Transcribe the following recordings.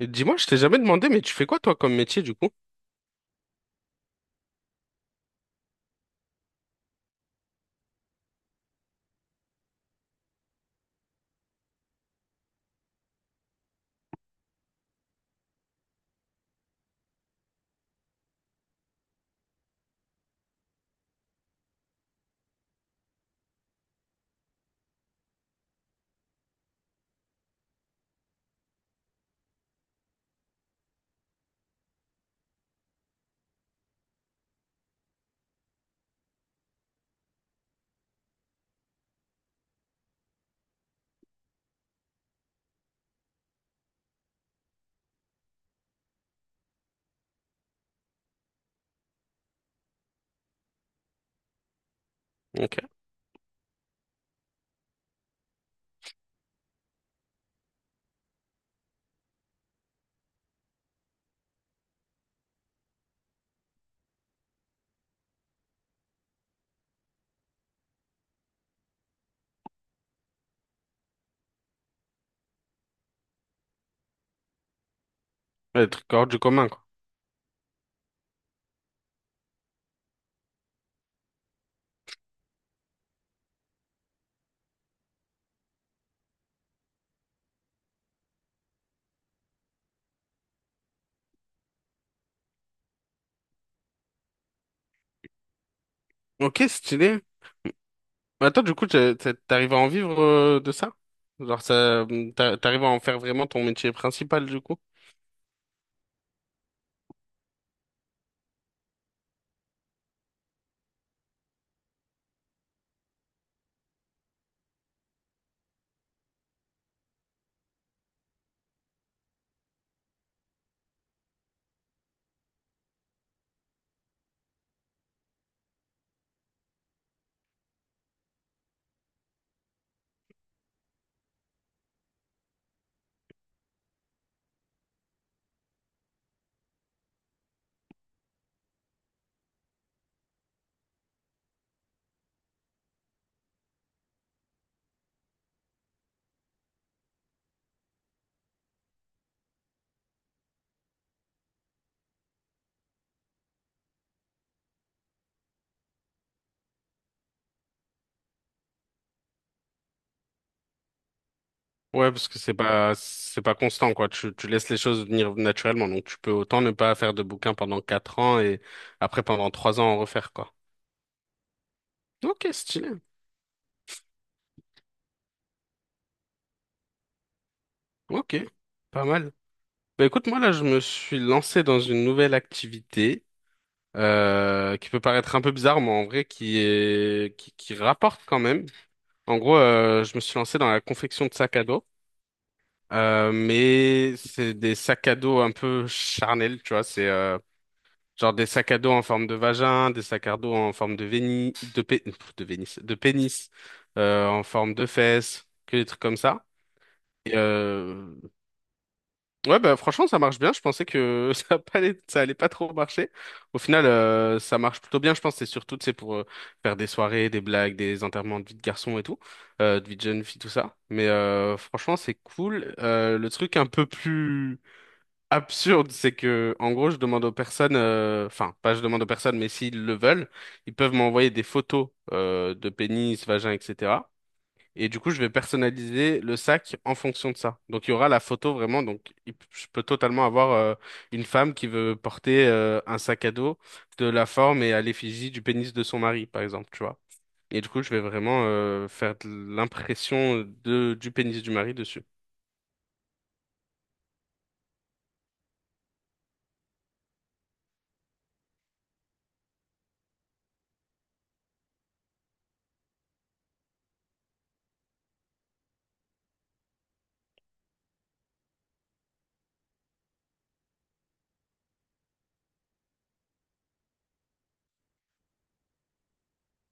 Et dis-moi, je t'ai jamais demandé, mais tu fais quoi toi comme métier du coup? Ok. Ouais, truc hors du commun, quoi. Ok, stylé. Mais attends, du coup, t'arrives à en vivre de ça? Genre, ça, t'arrives à en faire vraiment ton métier principal du coup? Ouais, parce que c'est pas constant, quoi. Tu laisses les choses venir naturellement, donc tu peux autant ne pas faire de bouquin pendant 4 ans et après pendant 3 ans en refaire, quoi. Ok, stylé. Ok, pas mal. Bah écoute, moi là, je me suis lancé dans une nouvelle activité, qui peut paraître un peu bizarre, mais en vrai qui rapporte quand même. En gros, je me suis lancé dans la confection de sacs à dos, mais c'est des sacs à dos un peu charnels, tu vois. C'est genre des sacs à dos en forme de vagin, des sacs à dos en forme de vénis, de pénis, en forme de fesses, que des trucs comme ça. euh, Ouais, bah, franchement, ça marche bien. Je pensais que ça allait pas trop marcher. Au final, ça marche plutôt bien. Je pense que c'est surtout, tu sais, pour faire des soirées, des blagues, des enterrements de vie de garçon et tout, de vie de jeune fille, tout ça. Mais franchement, c'est cool. Le truc un peu plus absurde, c'est que, en gros, je demande aux personnes, enfin, pas je demande aux personnes, mais s'ils le veulent, ils peuvent m'envoyer des photos de pénis, vagin, etc. Et du coup, je vais personnaliser le sac en fonction de ça. Donc, il y aura la photo vraiment. Donc, je peux totalement avoir une femme qui veut porter un sac à dos de la forme et à l'effigie du pénis de son mari, par exemple, tu vois. Et du coup, je vais vraiment faire de l'impression de du pénis du mari dessus.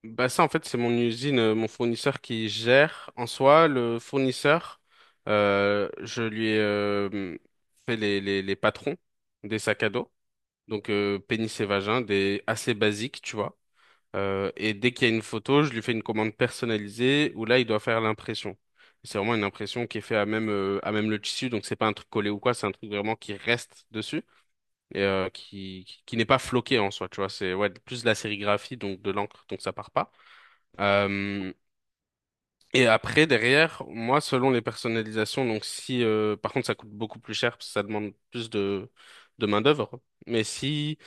Bah ça, en fait, c'est mon usine, mon fournisseur qui gère. En soi, le fournisseur, je lui ai fait les patrons des sacs à dos. Donc pénis et vagin, des assez basiques, tu vois. Et dès qu'il y a une photo, je lui fais une commande personnalisée où là, il doit faire l'impression. C'est vraiment une impression qui est faite à même le tissu, donc c'est pas un truc collé ou quoi, c'est un truc vraiment qui reste dessus et qui n'est pas floqué en soi, tu vois. C'est ouais, plus de la sérigraphie, donc de l'encre, donc ça part pas. Euh, et après, derrière, moi, selon les personnalisations, donc si, par contre, ça coûte beaucoup plus cher parce que ça demande plus de main-d'œuvre, mais si.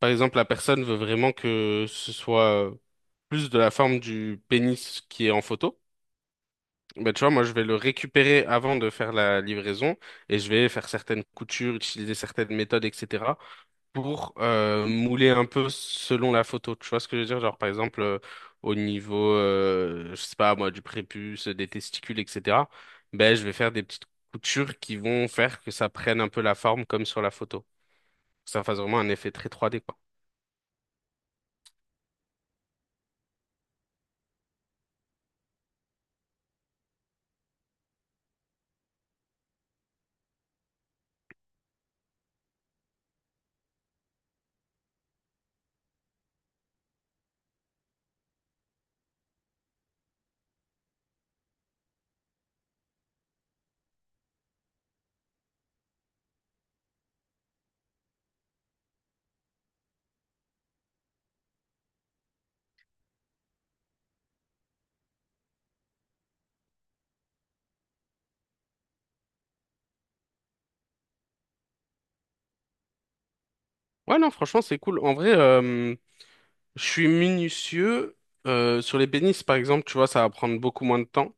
Par exemple, la personne veut vraiment que ce soit plus de la forme du pénis qui est en photo. Ben, tu vois, moi, je vais le récupérer avant de faire la livraison et je vais faire certaines coutures, utiliser certaines méthodes, etc. pour mouler un peu selon la photo. Tu vois ce que je veux dire? Genre, par exemple, au niveau, je sais pas, moi, du prépuce, des testicules, etc. Ben, je vais faire des petites coutures qui vont faire que ça prenne un peu la forme comme sur la photo. Que ça fasse vraiment un effet très 3D. Ouais, non, franchement, c'est cool. En vrai, je suis minutieux sur les bénisses, par exemple, tu vois, ça va prendre beaucoup moins de temps.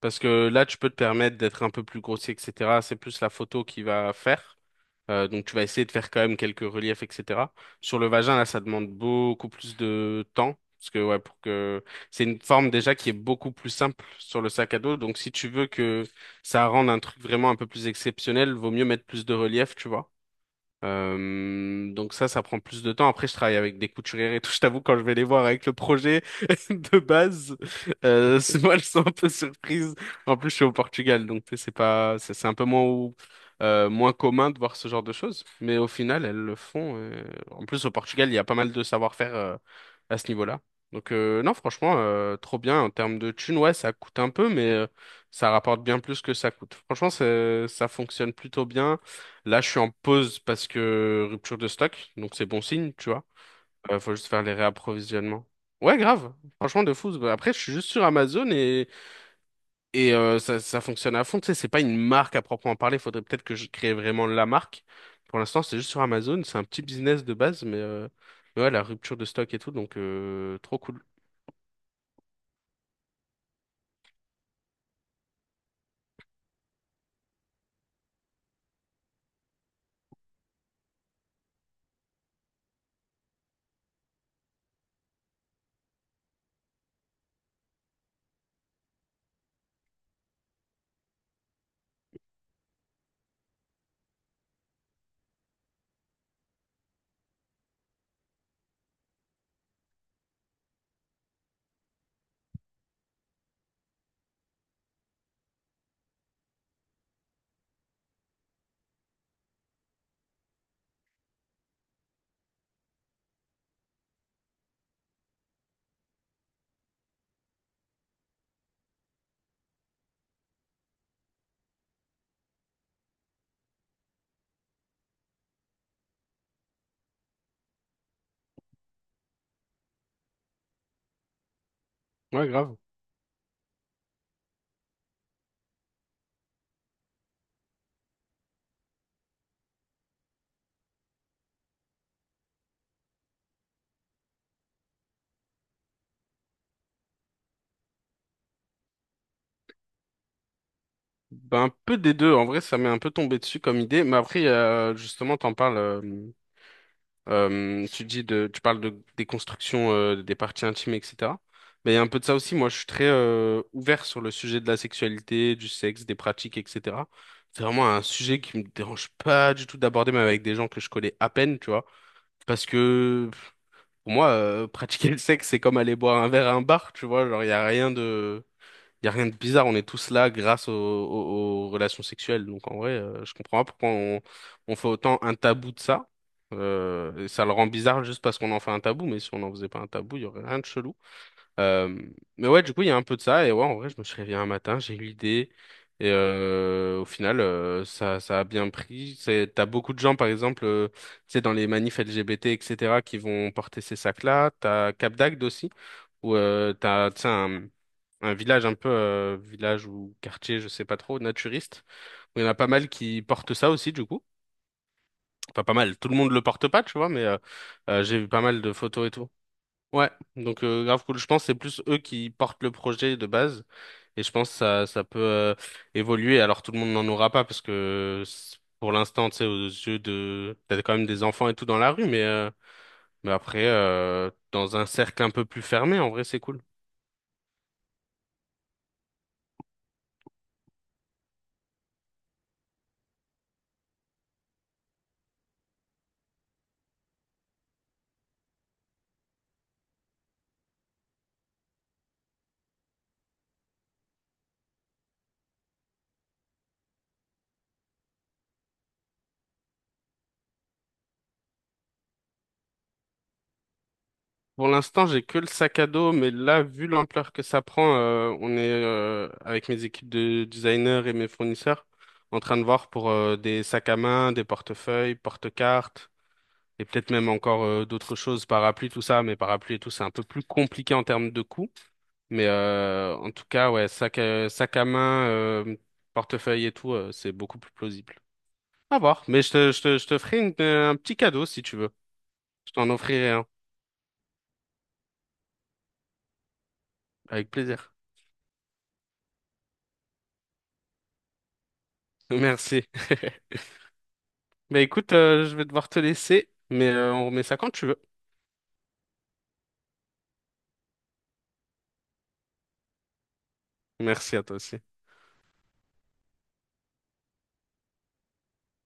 Parce que là, tu peux te permettre d'être un peu plus grossier, etc. C'est plus la photo qui va faire. Donc, tu vas essayer de faire quand même quelques reliefs, etc. Sur le vagin, là, ça demande beaucoup plus de temps. Parce que, ouais, pour que. C'est une forme déjà qui est beaucoup plus simple sur le sac à dos. Donc, si tu veux que ça rende un truc vraiment un peu plus exceptionnel, vaut mieux mettre plus de relief, tu vois. Donc ça, ça prend plus de temps. Après, je travaille avec des couturières et tout. Je t'avoue, quand je vais les voir avec le projet de base, c'est moi, elles sont un peu surprises. En plus, je suis au Portugal, donc tu sais, c'est pas, c'est un peu moins, moins commun de voir ce genre de choses. Mais au final, elles le font. En plus, au Portugal, il y a pas mal de savoir-faire à ce niveau-là. Donc non, franchement, trop bien en termes de thunes. Ouais, ça coûte un peu, mais ça rapporte bien plus que ça coûte. Franchement, ça fonctionne plutôt bien. Là, je suis en pause parce que rupture de stock, donc c'est bon signe, tu vois. Faut juste faire les réapprovisionnements. Ouais, grave. Franchement, de fou. Après, je suis juste sur Amazon et ça, ça fonctionne à fond. Tu sais, c'est pas une marque à proprement parler. Faudrait peut-être que je crée vraiment la marque. Pour l'instant, c'est juste sur Amazon. C'est un petit business de base, mais ouais, la rupture de stock et tout, donc trop cool. Ouais, grave. Ben, un peu des deux. En vrai, ça m'est un peu tombé dessus comme idée. Mais après, justement, t'en parles. Tu parles de, des constructions, des parties intimes, etc. Mais il y a un peu de ça aussi. Moi, je suis très ouvert sur le sujet de la sexualité, du sexe, des pratiques, etc. C'est vraiment un sujet qui me dérange pas du tout d'aborder, même avec des gens que je connais à peine, tu vois. Parce que pour moi, pratiquer le sexe, c'est comme aller boire un verre à un bar, tu vois. Genre, il n'y a rien de bizarre, on est tous là grâce aux relations sexuelles. Donc en vrai, je comprends pas pourquoi on fait autant un tabou de ça. Et ça le rend bizarre juste parce qu'on en fait un tabou, mais si on n'en faisait pas un tabou, il y aurait rien de chelou. Euh, mais ouais, du coup, il y a un peu de ça. Et ouais, en vrai, je me suis réveillé un matin, j'ai eu l'idée. Au final, ça, ça a bien pris. T'as beaucoup de gens, par exemple, tu sais, dans les manifs LGBT, etc., qui vont porter ces sacs-là. T'as Cap d'Agde aussi où tu sais, un village ou quartier, je sais pas trop, naturiste, où il y en a pas mal qui portent ça aussi, du coup. Enfin, pas mal, tout le monde le porte pas, tu vois, mais j'ai vu pas mal de photos et tout. Ouais, donc grave cool. Je pense que c'est plus eux qui portent le projet de base, et je pense que ça peut évoluer. Alors tout le monde n'en aura pas, parce que pour l'instant, tu sais, t'as quand même des enfants et tout dans la rue, mais après, dans un cercle un peu plus fermé, en vrai, c'est cool. Pour l'instant, j'ai que le sac à dos, mais là, vu l'ampleur que ça prend, on est avec mes équipes de designers et mes fournisseurs en train de voir pour des sacs à main, des portefeuilles, porte-cartes et peut-être même encore d'autres choses, parapluies, tout ça. Mais parapluies et tout, c'est un peu plus compliqué en termes de coûts. En tout cas, ouais, sac à main, portefeuille et tout, c'est beaucoup plus plausible. À voir. Mais je te ferai un petit cadeau si tu veux. Je t'en offrirai un avec plaisir. Merci. Bah écoute, je vais devoir te laisser, mais on remet ça quand tu veux. Merci à toi aussi.